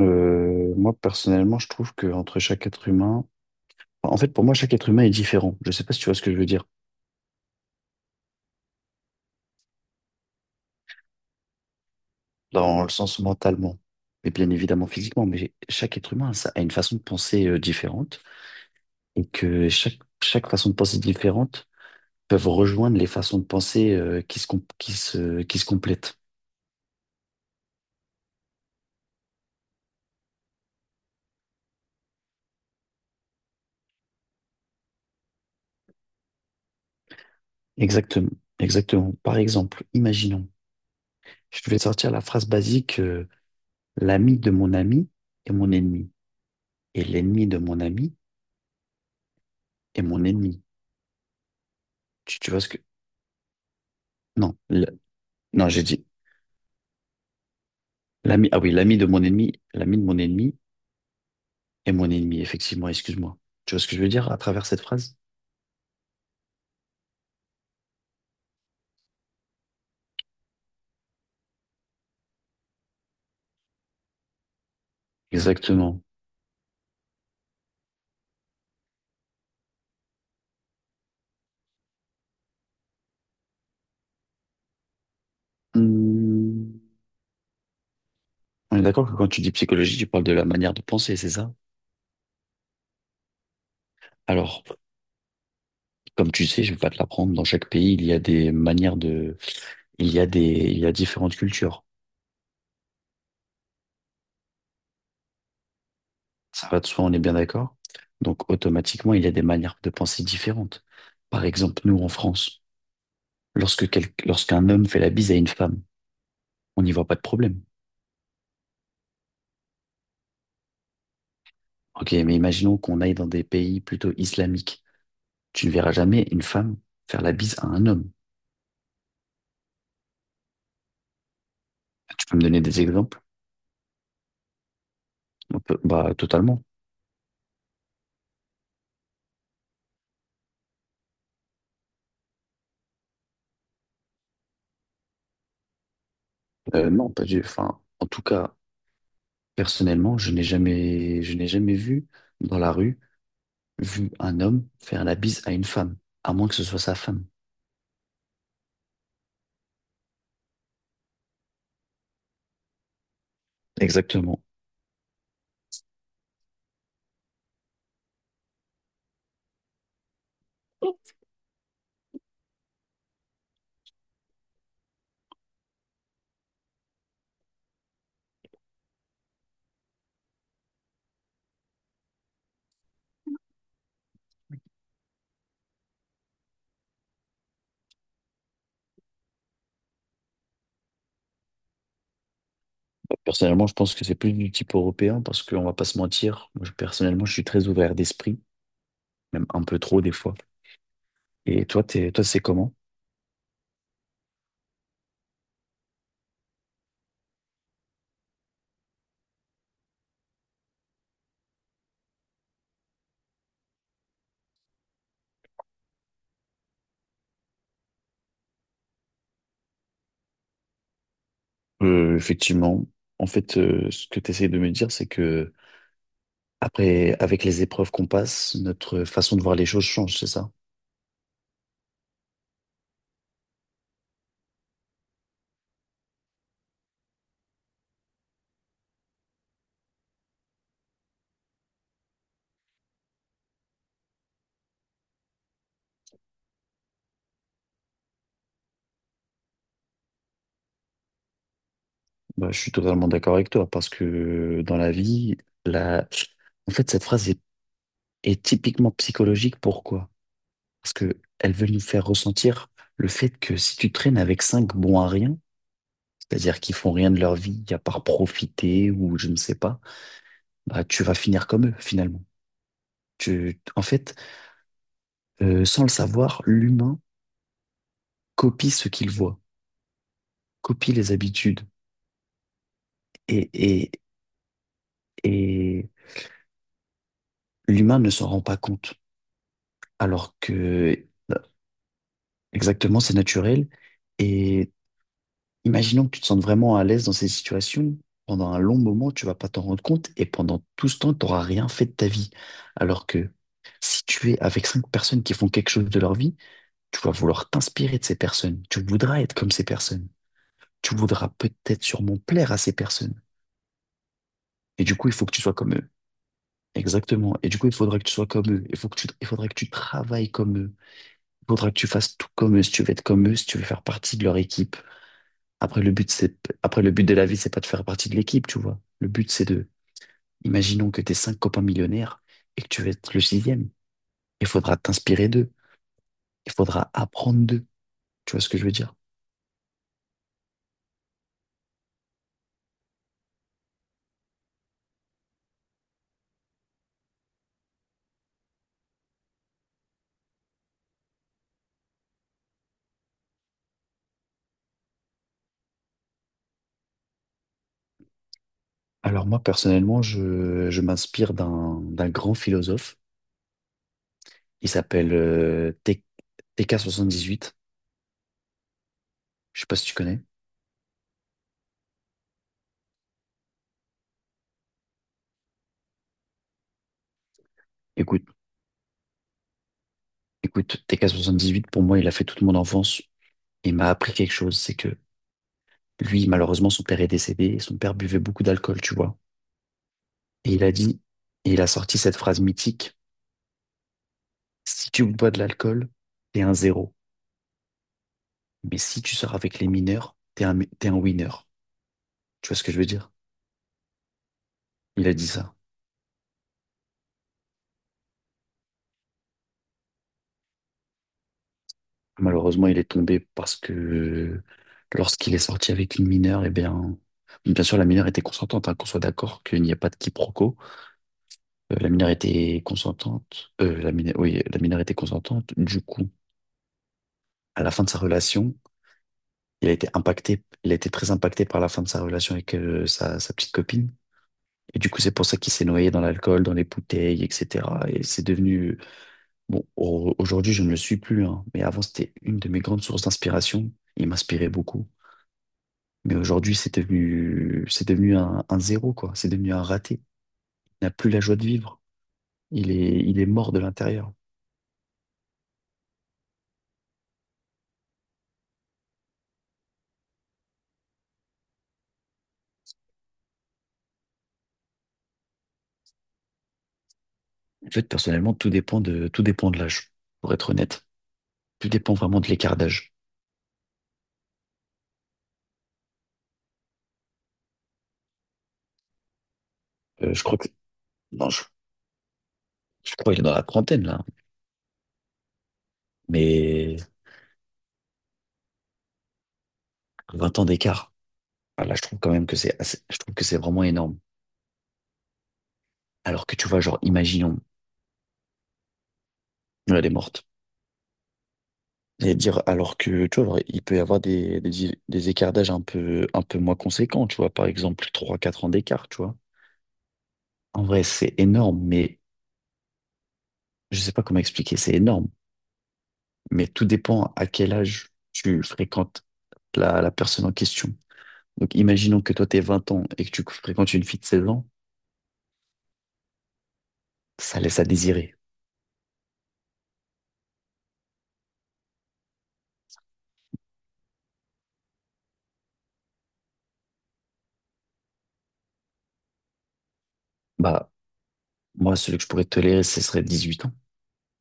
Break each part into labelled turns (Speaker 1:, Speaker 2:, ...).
Speaker 1: Moi, personnellement, je trouve que entre chaque être humain, enfin, en fait, pour moi, chaque être humain est différent. Je sais pas si tu vois ce que je veux dire, dans le sens mentalement, et bien évidemment physiquement, mais chaque être humain ça, a une façon de penser différente, et que chaque façon de penser différente peuvent rejoindre les façons de penser qui se complètent. Exactement, exactement. Par exemple, imaginons, je vais sortir la phrase basique, l'ami de mon ami est mon ennemi, et l'ennemi de mon ami est mon ennemi. Tu vois ce que, Non, le- non, j'ai dit l'ami. Ah oui, l'ami de mon ennemi est mon ennemi, effectivement, excuse-moi. Tu vois ce que je veux dire à travers cette phrase? Exactement. Hmm, On est d'accord que quand tu dis psychologie, tu parles de la manière de penser, c'est ça? Alors, comme tu sais, je vais pas te l'apprendre, dans chaque pays, il y a des, il y a différentes cultures. Ça va de soi, on est bien d'accord? Donc, automatiquement, il y a des manières de penser différentes. Par exemple, nous, en France, lorsqu'un homme fait la bise à une femme, on n'y voit pas de problème. Ok, mais imaginons qu'on aille dans des pays plutôt islamiques. Tu ne verras jamais une femme faire la bise à un homme. Tu peux me donner des exemples? Bah, totalement. Non, pas du. Enfin, en tout cas, personnellement, je n'ai jamais vu dans la rue, vu un homme faire la bise à une femme, à moins que ce soit sa femme. Exactement. Personnellement, je pense que c'est plus du type européen parce qu'on va pas se mentir. Moi, personnellement, je suis très ouvert d'esprit, même un peu trop des fois. Et toi, toi, c'est comment? Effectivement, en fait, ce que tu essayes de me dire, c'est que après, avec les épreuves qu'on passe, notre façon de voir les choses change, c'est ça? Bah, je suis totalement d'accord avec toi, parce que dans la vie, la... en fait, cette phrase est typiquement psychologique. Pourquoi? Parce que elle veut nous faire ressentir le fait que si tu traînes avec cinq bons à rien, c'est-à-dire qui font rien de leur vie, à part profiter ou je ne sais pas, bah, tu vas finir comme eux, finalement. En fait, sans le savoir, l'humain copie ce qu'il voit, copie les habitudes. Et, et, et l'humain ne s'en rend pas compte. Alors que, bah, exactement, c'est naturel. Et imaginons que tu te sentes vraiment à l'aise dans ces situations. Pendant un long moment, tu vas pas t'en rendre compte. Et pendant tout ce temps, tu n'auras rien fait de ta vie. Alors que si tu es avec cinq personnes qui font quelque chose de leur vie, tu vas vouloir t'inspirer de ces personnes. Tu voudras être comme ces personnes. Tu voudras peut-être sûrement plaire à ces personnes. Et du coup, il faut que tu sois comme eux. Exactement. Et du coup, il faudra que tu sois comme eux. Il faudra que tu travailles comme eux. Il faudra que tu fasses tout comme eux si tu veux être comme eux, si tu veux faire partie de leur équipe. Après, le but, c'est, après, le but de la vie, c'est pas de faire partie de l'équipe, tu vois. Le but, c'est de, imaginons que t'es cinq copains millionnaires et que tu veux être le sixième. Il faudra t'inspirer d'eux. Il faudra apprendre d'eux. Tu vois ce que je veux dire? Alors moi, personnellement, je m'inspire d'un grand philosophe. Il s'appelle T- 18. Je sais pas si tu connais. Écoute, Écoute, TK78, pour moi, il a fait toute mon enfance et m'a appris quelque chose. C'est que lui, malheureusement, son père est décédé et son père buvait beaucoup d'alcool, tu vois. Et il a dit, et il a sorti cette phrase mythique, si tu bois de l'alcool, t'es un zéro. Mais si tu sors avec les mineurs, t'es un winner. Tu vois ce que je veux dire? Il a dit ça. Malheureusement, il est tombé parce que lorsqu'il est sorti avec une mineure, eh bien, bien sûr, la mineure était consentante, hein, qu'on soit d'accord qu'il n'y a pas de quiproquo. La minorité consentante, oui, la minorité consentante, du coup, à la fin de sa relation, il a été impacté, il a été très impacté par la fin de sa relation avec sa petite copine. Et du coup, c'est pour ça qu'il s'est noyé dans l'alcool, dans les bouteilles, etc. Et c'est devenu, bon, aujourd'hui, je ne le suis plus, hein, mais avant, c'était une de mes grandes sources d'inspiration. Il m'inspirait beaucoup. Mais aujourd'hui, c'est devenu un zéro, quoi. C'est devenu un raté. Il n'a plus la joie de vivre. Il est mort de l'intérieur. En fait, personnellement, tout dépend de l'âge, pour être honnête. Tout dépend vraiment de l'écart d'âge. Euh, je crois que, non, je crois qu'il est dans la trentaine, là. Mais 20 ans d'écart, ah, là, je trouve quand même que je trouve que c'est vraiment énorme. Alors que tu vois, genre, imaginons, elle est morte. Et dire, alors que, tu vois, genre, il peut y avoir des écarts d'âge un peu moins conséquents, tu vois. Par exemple, trois quatre ans d'écart, tu vois. En vrai, c'est énorme, mais je sais pas comment expliquer, c'est énorme. Mais tout dépend à quel âge tu fréquentes la personne en question. Donc, imaginons que toi, t'es 20 ans et que tu fréquentes une fille de 16 ans, ça laisse à désirer. Bah, moi, celui que je pourrais tolérer, ce serait 18 ans,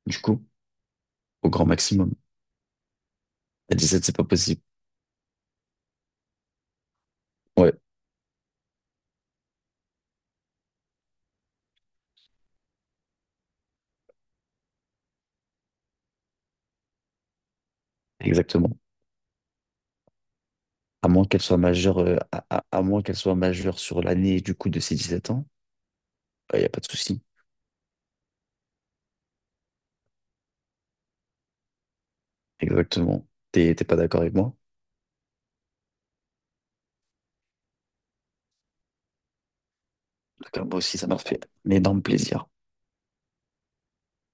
Speaker 1: du coup, au grand maximum. À 17 c'est pas possible. Ouais, exactement. À moins qu'elle soit majeure, à moins qu'elle soit majeure sur l'année, du coup, de ses 17 ans, il n'y a pas de souci. Exactement. T'es pas d'accord avec moi? D'accord, moi aussi, ça m'a fait un énorme plaisir.